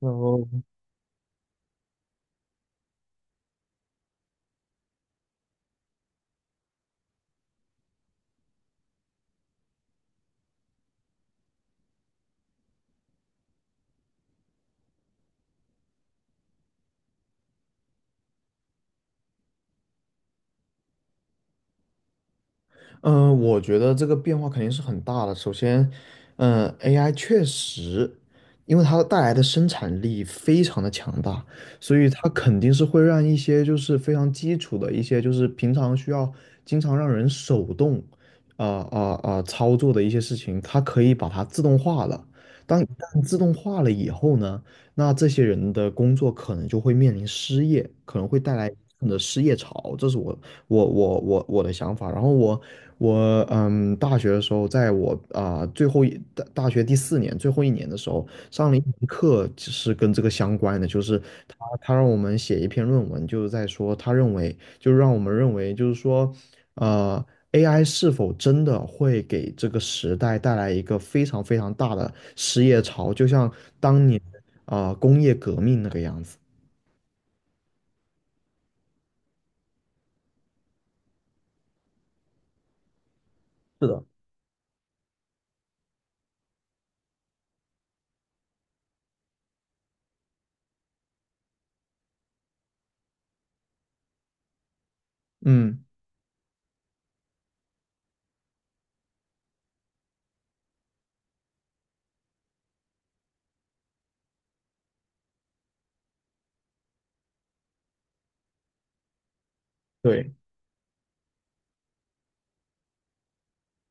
然后，我觉得这个变化肯定是很大的。首先，AI 确实，因为它带来的生产力非常的强大，所以它肯定是会让一些就是非常基础的一些就是平常需要经常让人手动，啊操作的一些事情，它可以把它自动化了。当一旦自动化了以后呢，那这些人的工作可能就会面临失业，可能会带来的失业潮，这是我的想法。然后我嗯，大学的时候，在我最后大学第四年最后一年的时候，上了一门课是跟这个相关的，就是他让我们写一篇论文，就是在说他认为，就是让我们认为，就是说，呃。AI 是否真的会给这个时代带来一个非常非常大的失业潮，就像当年工业革命那个样子。是的。嗯，对。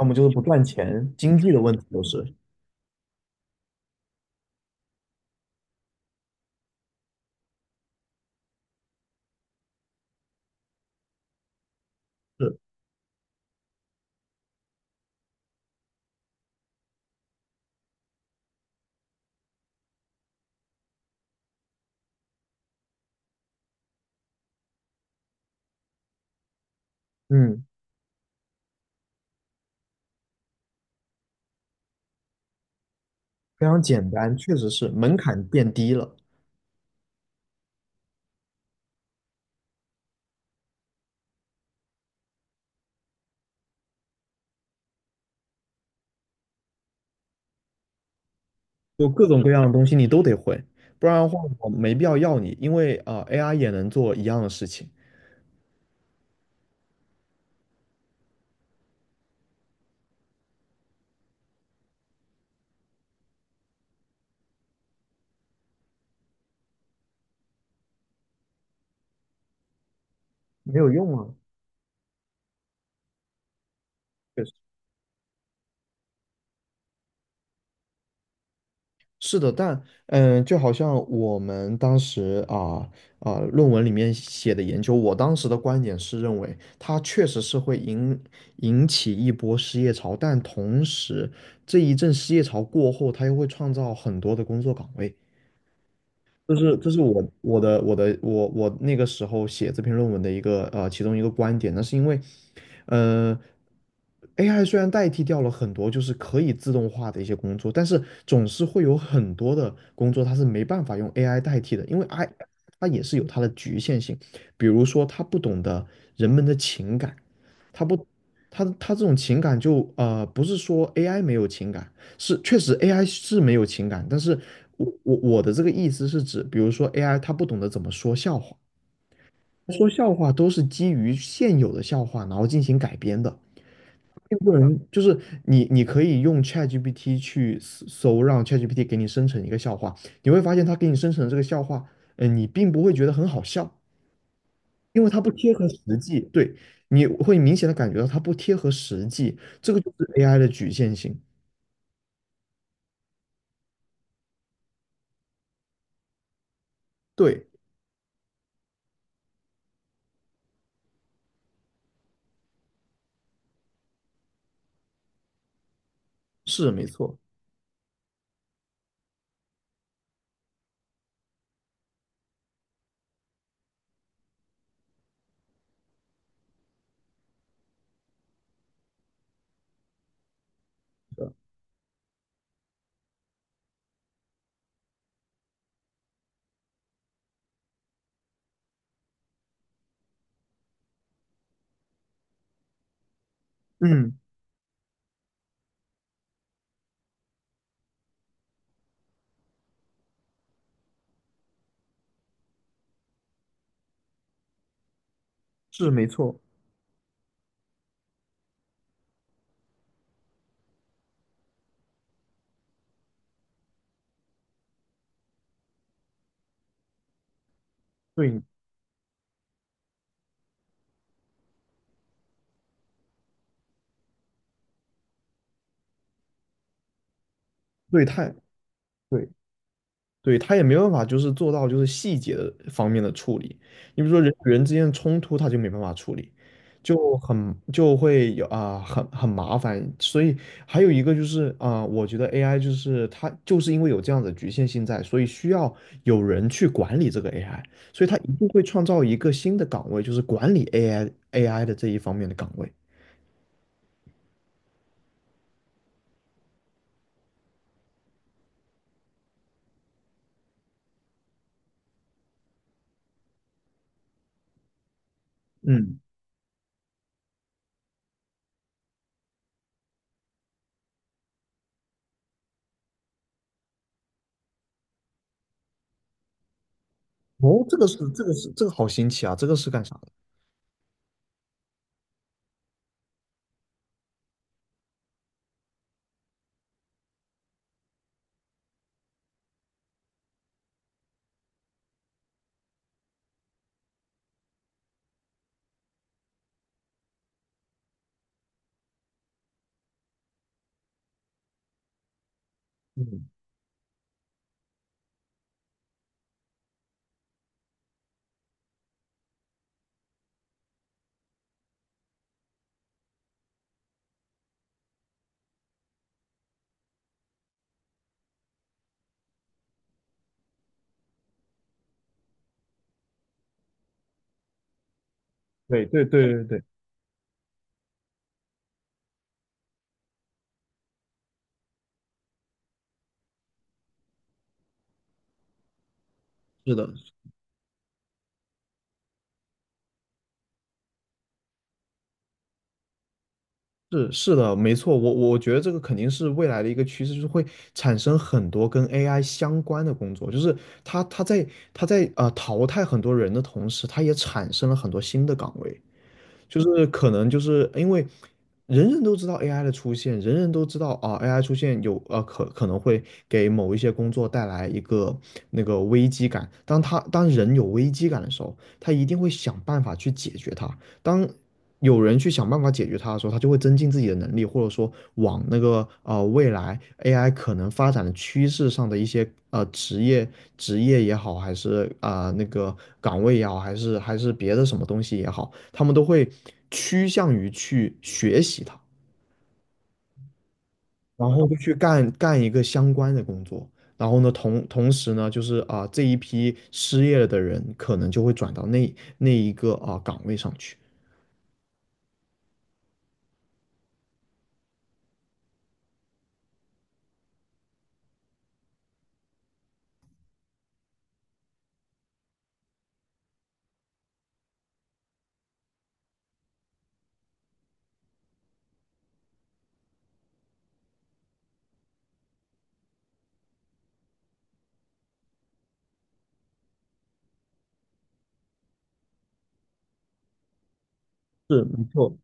要么就是不赚钱，经济的问题都是是，嗯，非常简单，确实是门槛变低了，就各种各样的东西你都得会，不然的话我没必要要你，因为AI 也能做一样的事情，没有用啊。确实。是的，但嗯，就好像我们当时论文里面写的研究，我当时的观点是认为它确实是会引起一波失业潮，但同时这一阵失业潮过后，它又会创造很多的工作岗位。这是我我的我的我我那个时候写这篇论文的一个其中一个观点，那是因为，呃，AI 虽然代替掉了很多就是可以自动化的一些工作，但是总是会有很多的工作它是没办法用 AI 代替的，因为 I 它也是有它的局限性，比如说它不懂得人们的情感，它不它这种情感不是说 AI 没有情感，是，确实 AI 是没有情感，但是我的这个意思是指，比如说 AI 它不懂得怎么说笑话，说笑话都是基于现有的笑话，然后进行改编的。并不能就是你，你可以用 ChatGPT 去搜，让 ChatGPT 给你生成一个笑话，你会发现它给你生成的这个笑话，嗯，你并不会觉得很好笑，因为它不贴合实际。对，你会明显的感觉到它不贴合实际，这个就是 AI 的局限性。对，是没错，嗯，是没错。对对，对对他也没办法，就是做到就是细节的方面的处理。你比如说人与人之间的冲突，他就没办法处理，就很就会有很麻烦。所以还有一个就是我觉得 AI 就是它就是因为有这样的局限性在，所以需要有人去管理这个 AI,所以它一定会创造一个新的岗位，就是管理 AI 的这一方面的岗位。嗯，哦，这个好新奇啊，这个是干啥的？嗯，对。是的，是的，没错，我觉得这个肯定是未来的一个趋势，就是会产生很多跟 AI 相关的工作，就是它它在它在淘汰很多人的同时，它也产生了很多新的岗位，就是可能就是因为人人都知道 AI 的出现，人人都知道AI 出现有可能会给某一些工作带来一个那个危机感，当人有危机感的时候，他一定会想办法去解决它。当有人去想办法解决它的时候，他就会增进自己的能力，或者说往那个未来 AI 可能发展的趋势上的一些职业也好，还是那个岗位也好，还是别的什么东西也好，他们都会趋向于去学习它，然后就去干一个相关的工作。然后呢，同时呢，就是这一批失业了的人可能就会转到那一个岗位上去。是，没错，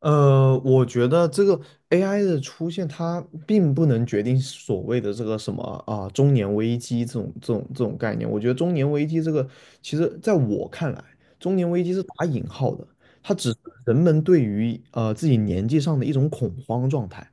我觉得这个 AI 的出现，它并不能决定所谓的这个什么中年危机这种概念。我觉得中年危机这个，其实在我看来，中年危机是打引号的，它只是人们对于自己年纪上的一种恐慌状态。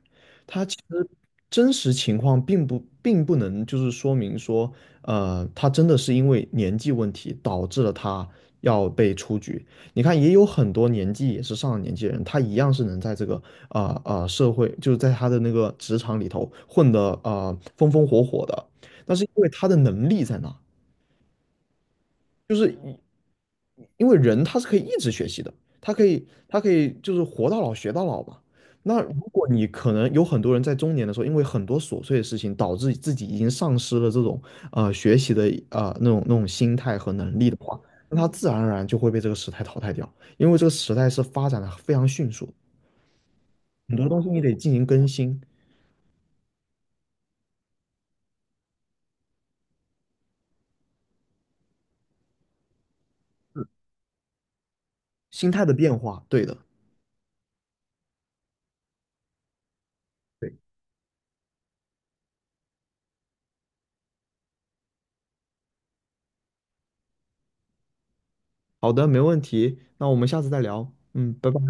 它其实真实情况并不能就是说明说，他真的是因为年纪问题导致了他要被出局。你看，也有很多年纪也是上了年纪的人，他一样是能在这个社会，就是在他的那个职场里头混得风风火火的。但是因为他的能力在那，因为人他是可以一直学习的，他可以就是活到老学到老嘛。那如果你可能有很多人在中年的时候，因为很多琐碎的事情，导致自己已经丧失了这种学习的那种心态和能力的话，那他自然而然就会被这个时代淘汰掉，因为这个时代是发展的非常迅速的。很多东西你得进行更新，是心态的变化。对的，对，好的，没问题。那我们下次再聊。嗯，拜拜。